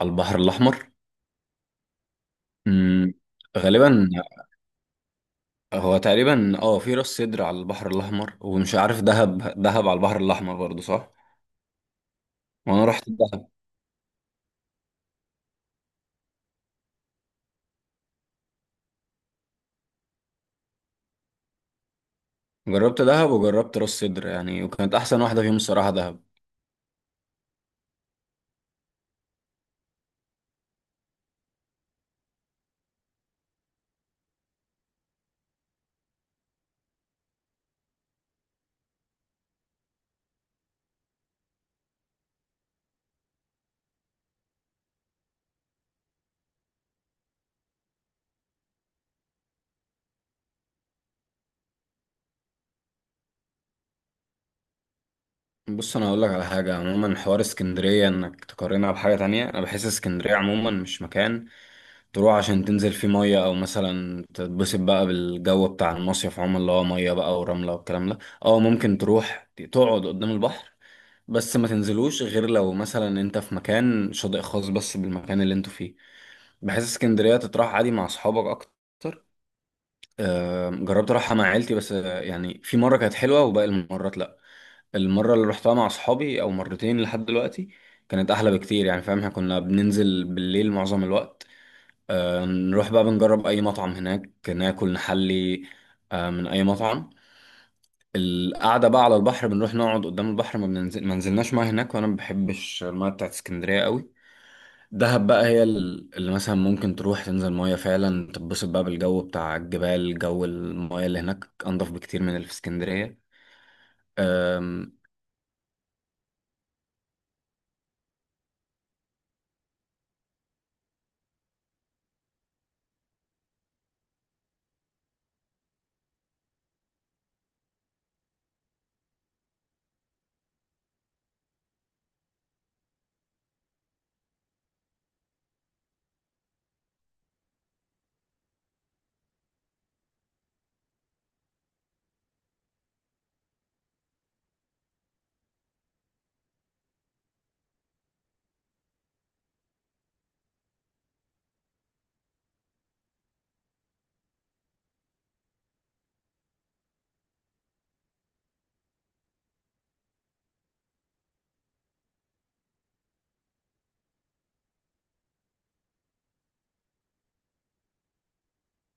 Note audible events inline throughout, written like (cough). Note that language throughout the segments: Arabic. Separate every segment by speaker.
Speaker 1: على البحر الأحمر. مم. غالبا. هو تقريبا في راس سدر على البحر الأحمر ومش عارف دهب. دهب على البحر الأحمر برضه صح؟ وأنا رحت دهب. جربت دهب وجربت راس سدر يعني، وكانت أحسن واحدة فيهم الصراحة دهب. بص أنا هقول لك على حاجة، عموما حوار اسكندرية إنك تقارنها بحاجة تانية، أنا بحس اسكندرية عموما مش مكان تروح عشان تنزل في مية، أو مثلا تتبسط بقى بالجو بتاع المصيف عموما اللي هو مية بقى ورملة والكلام ده. أو ممكن تروح تقعد قدام البحر، بس ما تنزلوش غير لو مثلا أنت في مكان شاطئ خاص بس بالمكان اللي أنتوا فيه. بحس اسكندرية تتراح عادي مع أصحابك أكتر. جربت أروحها مع عيلتي بس، يعني في مرة كانت حلوة وباقي المرات لأ. المرة اللي روحتها مع أصحابي أو مرتين لحد دلوقتي كانت أحلى بكتير، يعني فاهم، احنا كنا بننزل بالليل معظم الوقت، نروح بقى بنجرب اي مطعم هناك ناكل نحلي من اي مطعم. القعده بقى على البحر، بنروح نقعد قدام البحر، ما بننزل، ما نزلناش ميه هناك، وانا ما بحبش الميه بتاعت اسكندريه قوي. دهب بقى هي اللي مثلا ممكن تروح تنزل ميه فعلا، تتبسط بقى بالجو بتاع الجبال، جو الميه اللي هناك انضف بكتير من اللي في اسكندريه. آم،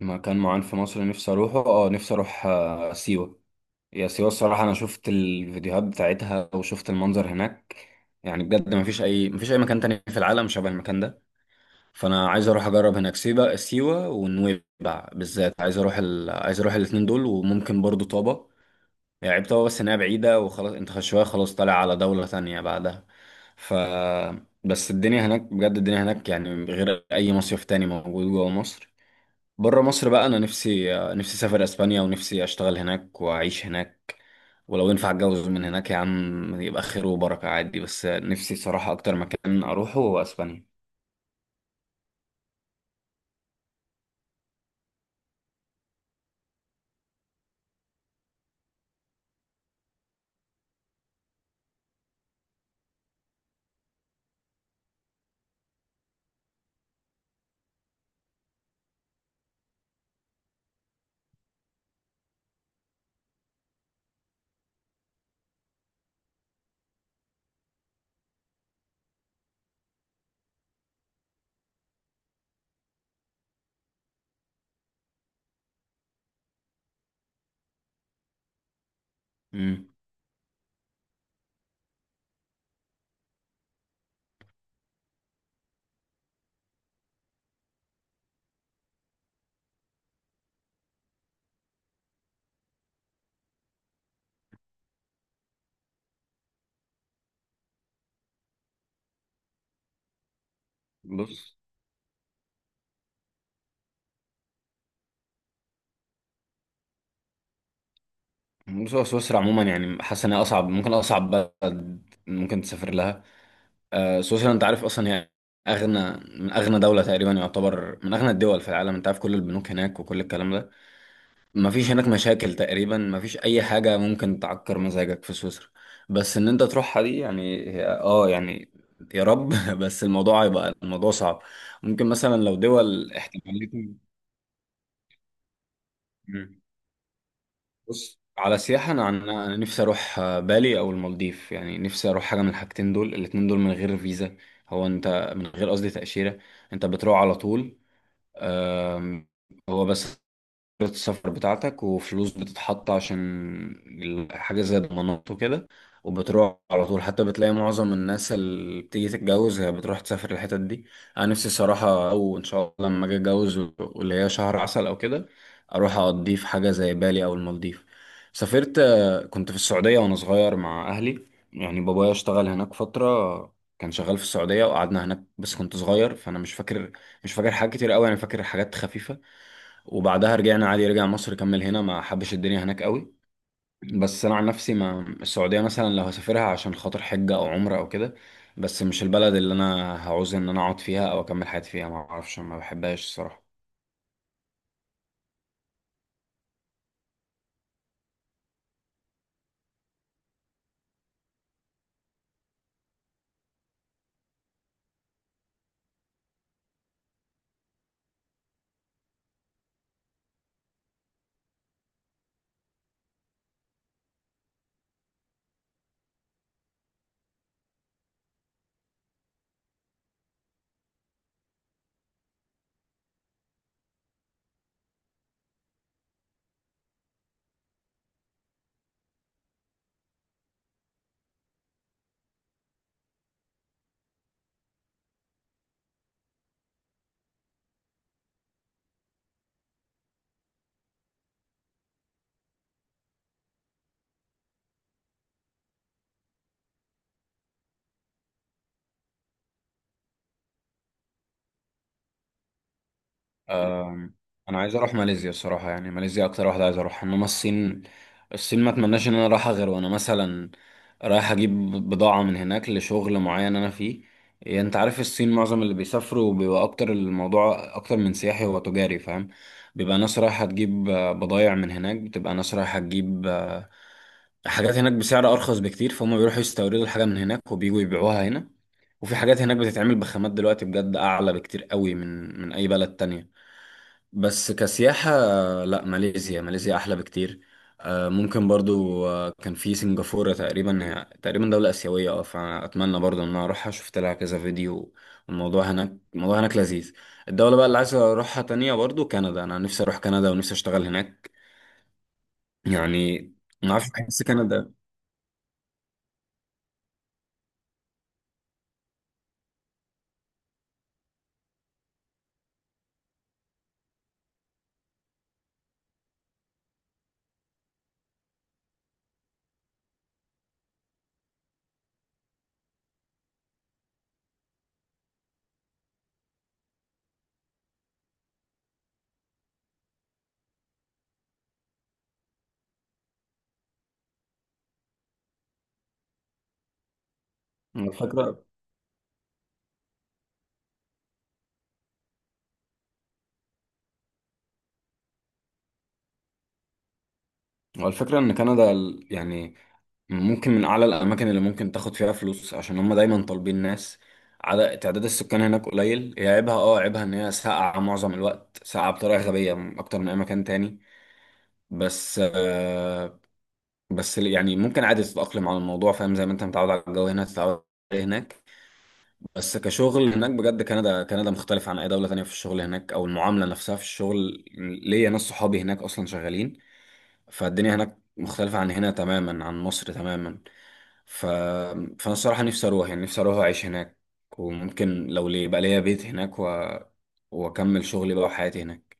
Speaker 1: مكان معين في مصر نفسي اروحه، اه نفسي اروح سيوه. يا سيوة الصراحة أنا شفت الفيديوهات بتاعتها وشفت المنظر هناك، يعني بجد مفيش أي مكان تاني في العالم شبه المكان ده. فأنا عايز أروح أجرب هناك، سيوة ونويبع بالذات، عايز أروح عايز أروح الاتنين دول، وممكن برضو طابة. يعني عيب طابة بس إنها بعيدة وخلاص، أنت شوية خلاص طالع على دولة تانية بعدها. ف بس الدنيا هناك بجد، الدنيا هناك يعني غير أي مصيف تاني موجود جوه مصر. بره مصر بقى، انا نفسي اسافر اسبانيا، ونفسي اشتغل هناك واعيش هناك، ولو ينفع اتجوز من هناك يا عم يبقى خير وبركة عادي. بس نفسي صراحة اكتر مكان اروحه هو اسبانيا. امم بص بص، هو سويسرا عموما يعني حاسس انها اصعب، ممكن اصعب بلد ممكن تسافر لها. سويسرا انت عارف اصلا هي اغنى، من اغنى دولة تقريبا، يعتبر من اغنى الدول في العالم، انت عارف كل البنوك هناك وكل الكلام ده. مفيش هناك مشاكل تقريبا، مفيش اي حاجه ممكن تعكر مزاجك في سويسرا. بس ان انت تروحها دي يعني يعني يا رب (laughs) بس الموضوع هيبقى، الموضوع صعب. ممكن مثلا لو دول احتماليتي. مم. بص على سياحه، انا انا نفسي اروح بالي او المالديف، يعني نفسي اروح حاجه من الحاجتين دول، الاتنين دول من غير فيزا. هو انت من غير قصدي تاشيره انت بتروح على طول. آم، هو بس السفر بتاعتك وفلوس بتتحط عشان حاجة زي ضمانات وكده، وبتروح على طول. حتى بتلاقي معظم الناس اللي بتيجي تتجوز هي بتروح تسافر الحتت دي. أنا نفسي صراحة، أو إن شاء الله لما أجي أتجوز واللي هي شهر عسل أو كده، أروح أقضيه في حاجة زي بالي أو المالديف. سافرت، كنت في السعودية وأنا صغير مع أهلي، يعني بابايا اشتغل هناك فترة، كان شغال في السعودية وقعدنا هناك، بس كنت صغير فأنا مش فاكر حاجات كتير أوي، أنا فاكر حاجات خفيفة. وبعدها رجعنا عادي، رجع مصر كمل هنا، ما حبش الدنيا هناك قوي. بس انا عن نفسي، ما السعوديه مثلا لو هسافرها عشان خاطر حجه او عمره او كده، بس مش البلد اللي انا هعوز ان انا اقعد فيها او اكمل حياتي فيها، ما اعرفش ما بحبهاش الصراحه. آم، انا عايز اروح ماليزيا الصراحه، يعني ماليزيا اكتر واحده عايز اروح، انما الصين ما اتمناش ان انا اروحها غير وانا مثلا رايح اجيب بضاعه من هناك لشغل معين انا فيه. يعني انت عارف الصين معظم اللي بيسافروا بيبقى اكتر، الموضوع اكتر من سياحي هو تجاري، فاهم، بيبقى ناس رايحه تجيب بضايع من هناك، بتبقى ناس رايحه تجيب حاجات هناك بسعر ارخص بكتير، فهم بيروحوا يستوردوا الحاجه من هناك وبييجوا يبيعوها هنا. وفي حاجات هناك بتتعمل بخامات دلوقتي بجد اعلى بكتير قوي من اي بلد تانية. بس كسياحة لا، ماليزيا أحلى بكتير. ممكن برضو، كان في سنغافورة تقريبا، هي تقريبا دولة آسيوية اه، فأتمنى برضو إن أنا أروحها، شفت لها كذا فيديو، والموضوع هناك الموضوع هناك لذيذ. الدولة بقى اللي عايز أروحها تانية برضو كندا، أنا نفسي أروح كندا ونفسي أشتغل هناك يعني. ما أعرفش، بحس كندا، الفكرة، والفكرة إن كندا يعني ممكن من اعلى الاماكن اللي ممكن تاخد فيها فلوس، عشان هم دايما طالبين ناس، عدد تعداد السكان هناك قليل. هي عيبها اه، عيبها ان هي ساقعه معظم الوقت، ساقعه بطريقه غبيه اكتر من اي مكان تاني. بس آه، بس يعني ممكن عادي تتاقلم على الموضوع، فاهم، زي ما انت متعود على الجو هنا تتعود عليه هناك. بس كشغل هناك بجد، كندا مختلف عن اي دوله تانية، في الشغل هناك او المعامله نفسها في الشغل، ليا ناس صحابي هناك اصلا شغالين، فالدنيا هناك مختلفه عن هنا تماما، عن مصر تماما. فانا الصراحه نفسي اروح، يعني نفسي اروح اعيش هناك، وممكن لو ليه يبقى ليا بيت هناك واكمل شغلي بقى وحياتي هناك.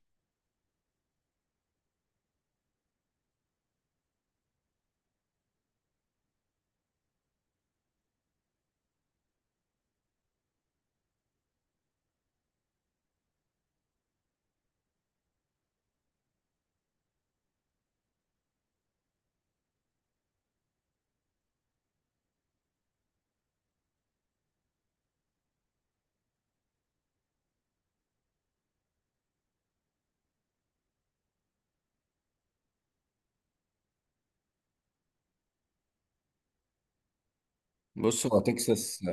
Speaker 1: بص هو تكساس،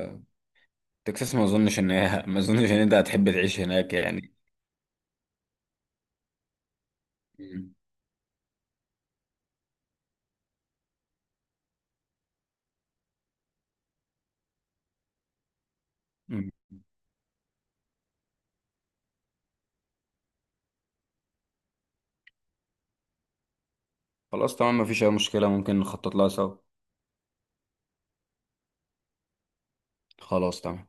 Speaker 1: تكساس ما اظنش ان هي (laughs) ما اظنش ان انت هتحب تعيش هناك يعني. مم. مم. خلاص تمام، مفيش اي مشكله، ممكن نخطط لها سوا. خلاص تمام.